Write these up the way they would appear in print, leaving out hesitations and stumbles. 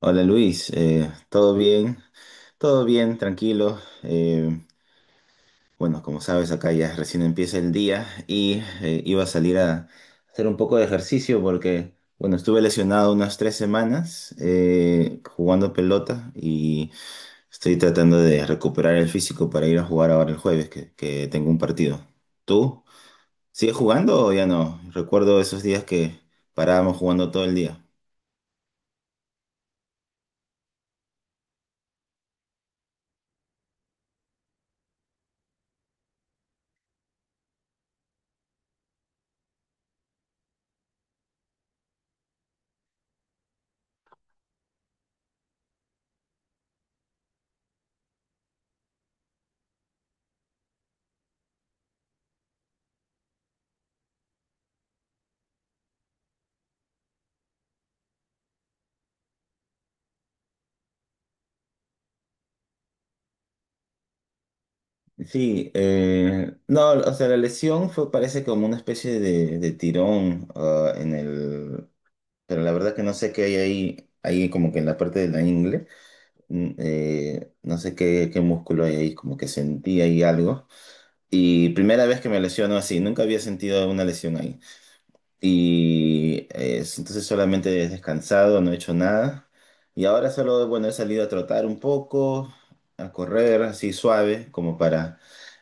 Hola Luis, ¿todo bien? Todo bien, tranquilo. Bueno, como sabes, acá ya recién empieza el día y iba a salir a hacer un poco de ejercicio porque, bueno, estuve lesionado unas 3 semanas jugando pelota y estoy tratando de recuperar el físico para ir a jugar ahora el jueves, que tengo un partido. ¿Tú? ¿Sigues jugando o ya no? Recuerdo esos días que parábamos jugando todo el día. Sí, no, o sea, la lesión fue, parece como una especie de tirón, en el, pero la verdad que no sé qué hay ahí, ahí como que en la parte de la ingle, no sé qué, músculo hay ahí, como que sentí ahí algo. Y primera vez que me lesiono así, nunca había sentido una lesión ahí. Y entonces solamente he descansado, no he hecho nada. Y ahora solo, bueno, he salido a trotar un poco, a correr así suave, como para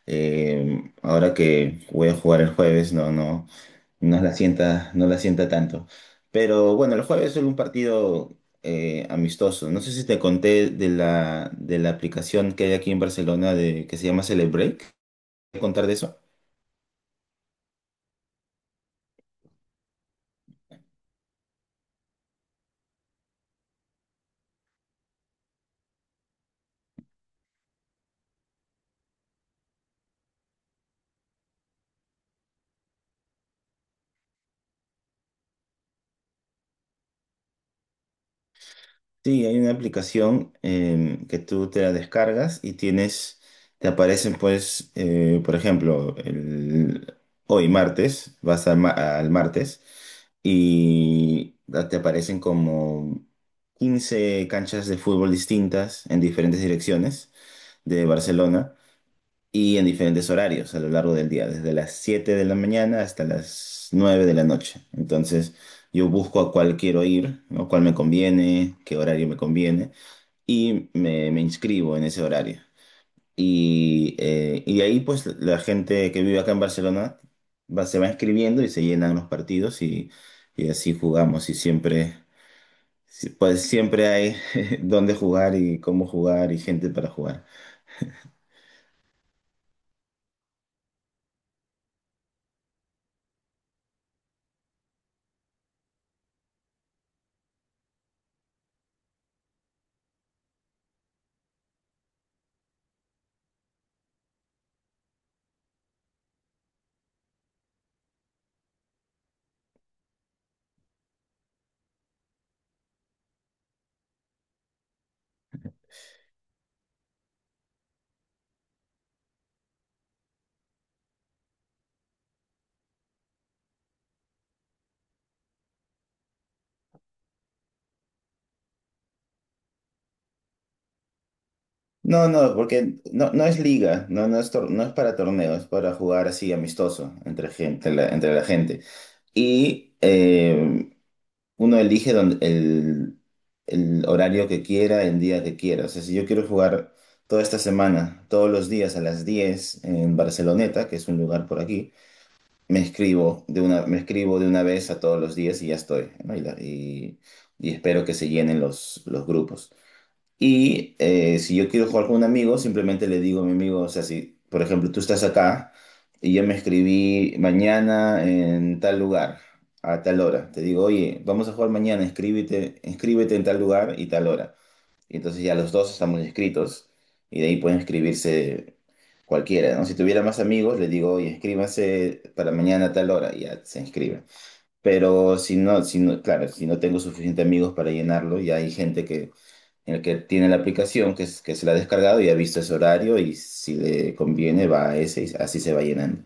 ahora que voy a jugar el jueves, no, no, no la sienta tanto. Pero bueno, el jueves es un partido amistoso. No sé si te conté de la aplicación que hay aquí en Barcelona de, que se llama Celebrate. ¿Te contar de eso? Sí, hay una aplicación que tú te la descargas y tienes, te aparecen pues, por ejemplo, hoy martes, vas al martes y te aparecen como 15 canchas de fútbol distintas en diferentes direcciones de Barcelona y en diferentes horarios a lo largo del día, desde las 7 de la mañana hasta las 9 de la noche. Entonces, yo busco a cuál quiero ir, ¿no? Cuál me conviene, qué horario me conviene, y me inscribo en ese horario. Y de ahí, pues, la gente que vive acá en Barcelona va, se va inscribiendo y se llenan los partidos y así jugamos y siempre... sí, pues siempre hay dónde jugar y cómo jugar y gente para jugar. No, no, porque no, no es liga, no, no es para torneo, es para jugar así amistoso entre gente, entre la gente. Y uno elige el horario que quiera, el día que quiera. O sea, si yo quiero jugar toda esta semana, todos los días a las 10 en Barceloneta, que es un lugar por aquí, me escribo de una vez a todos los días y ya estoy, ¿no? Y espero que se llenen los grupos. Y si yo quiero jugar con un amigo, simplemente le digo a mi amigo, o sea, si por ejemplo tú estás acá y yo me escribí mañana en tal lugar, a tal hora, te digo, oye, vamos a jugar mañana, inscríbete, inscríbete en tal lugar y tal hora. Y entonces ya los dos estamos inscritos y de ahí pueden inscribirse cualquiera, ¿no? Si tuviera más amigos, le digo, oye, inscríbanse para mañana a tal hora y ya se inscribe. Pero si no, si no, claro, si no tengo suficientes amigos para llenarlo, ya hay gente que el que tiene la aplicación, que se la ha descargado y ha visto ese horario y si le conviene va a ese y así se va llenando.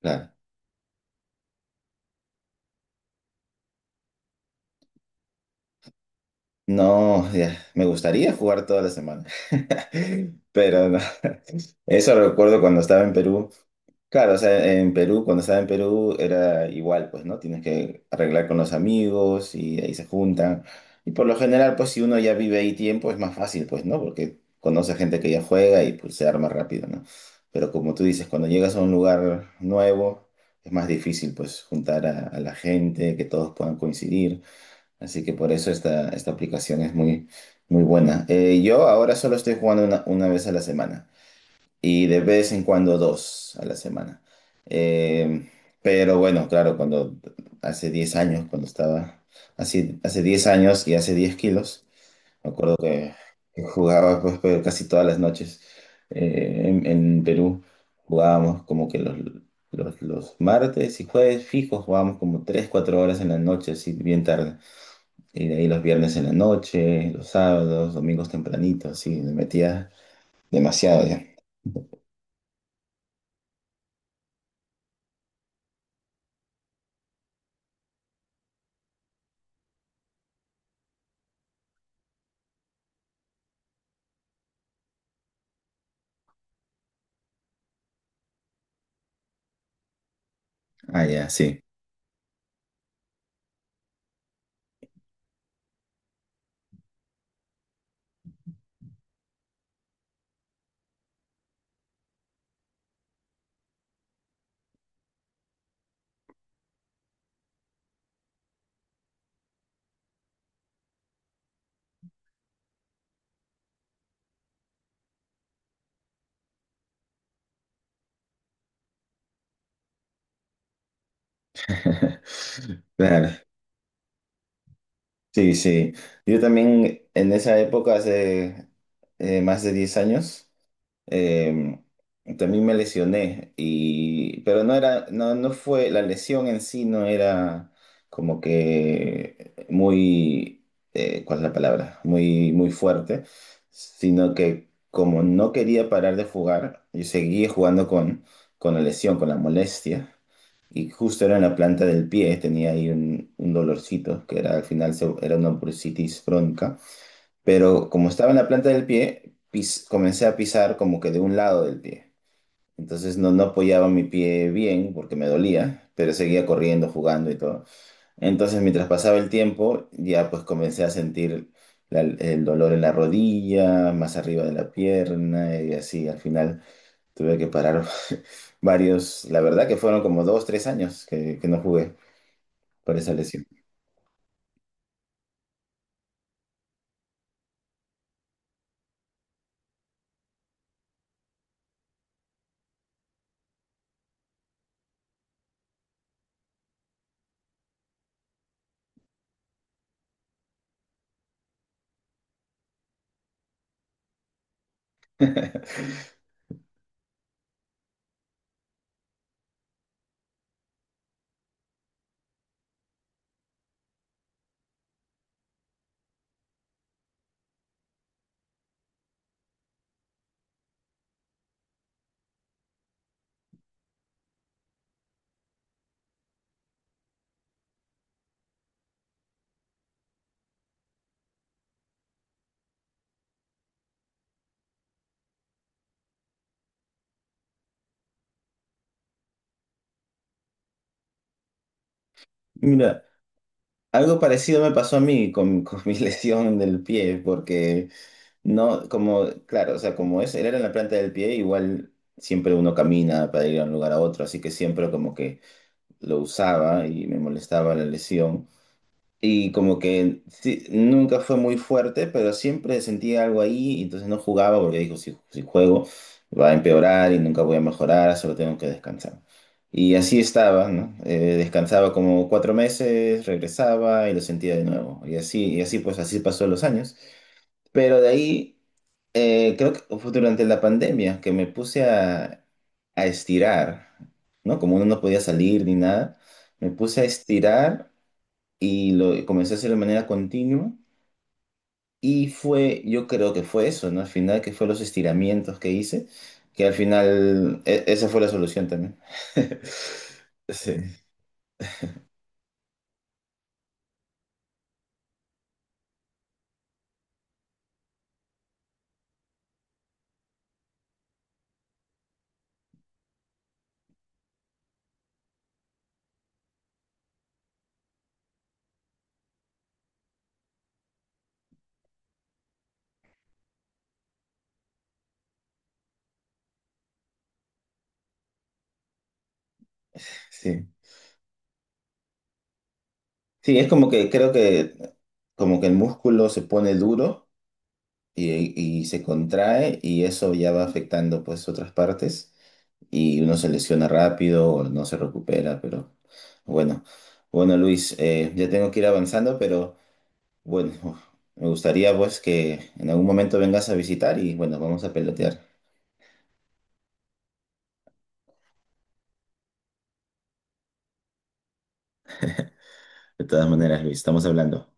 Claro. No, ya, me gustaría jugar toda la semana, pero no. Eso recuerdo cuando estaba en Perú. Claro, o sea, en Perú, cuando estaba en Perú era igual, pues, ¿no? Tienes que arreglar con los amigos y ahí se juntan. Y por lo general, pues, si uno ya vive ahí tiempo, es más fácil, pues, ¿no? Porque conoce gente que ya juega y pues se arma rápido, ¿no? Pero como tú dices, cuando llegas a un lugar nuevo, es más difícil, pues, juntar a la gente, que todos puedan coincidir. Así que por eso esta, esta aplicación es muy, muy buena. Yo ahora solo estoy jugando una vez a la semana y de vez en cuando dos a la semana. Eh, pero bueno, claro, cuando hace 10 años, cuando estaba así, hace 10 años y hace 10 kilos, me acuerdo que, jugaba pues, pero casi todas las noches en Perú. Jugábamos como que los martes y jueves fijos, jugábamos como 3 4 horas en la noche, así bien tarde. Y de ahí los viernes en la noche, los sábados, domingos tempranito, así, me metía demasiado ya. Ah, ya, sí. Claro, sí, sí. Yo también en esa época, hace más de 10 años, eh, también me lesioné y pero no era, no, no fue la lesión en sí, no era como que muy ¿cuál es la palabra? Muy muy fuerte, sino que como no quería parar de jugar, yo seguía jugando con la lesión, con la molestia y justo era en la planta del pie, tenía ahí un dolorcito que era al final era una bursitis bronca, pero como estaba en la planta del pie, comencé a pisar como que de un lado del pie. Entonces no, no apoyaba mi pie bien porque me dolía, pero seguía corriendo, jugando y todo. Entonces mientras pasaba el tiempo, ya pues comencé a sentir el dolor en la rodilla, más arriba de la pierna y así. Al final tuve que parar varios, la verdad que fueron como dos, tres años que no jugué por esa lesión. Mira. Algo parecido me pasó a mí con mi lesión del pie, porque no, como, claro, o sea, como es, él era en la planta del pie, igual siempre uno camina para ir de un lugar a otro, así que siempre como que lo usaba y me molestaba la lesión. Y como que sí, nunca fue muy fuerte, pero siempre sentía algo ahí, y entonces no jugaba porque dijo, si, si juego va a empeorar y nunca voy a mejorar, solo tengo que descansar. Y así estaba, ¿no? Descansaba como 4 meses, regresaba y lo sentía de nuevo. Y así pues así pasó los años. Pero de ahí, creo que fue durante la pandemia que me puse a estirar, ¿no? Como uno no podía salir ni nada, me puse a estirar y lo comencé a hacer de manera continua y fue, yo creo que fue eso, ¿no? Al final, que fue los estiramientos que hice, que al final esa fue la solución también. Sí, sí. Sí, es como que creo que como que el músculo se pone duro y, y se contrae y eso ya va afectando pues otras partes y uno se lesiona rápido o no se recupera, pero bueno, bueno Luis, ya tengo que ir avanzando, pero... Bueno, me gustaría pues que en algún momento vengas a visitar y bueno, vamos a pelotear. De todas maneras, Luis, estamos hablando.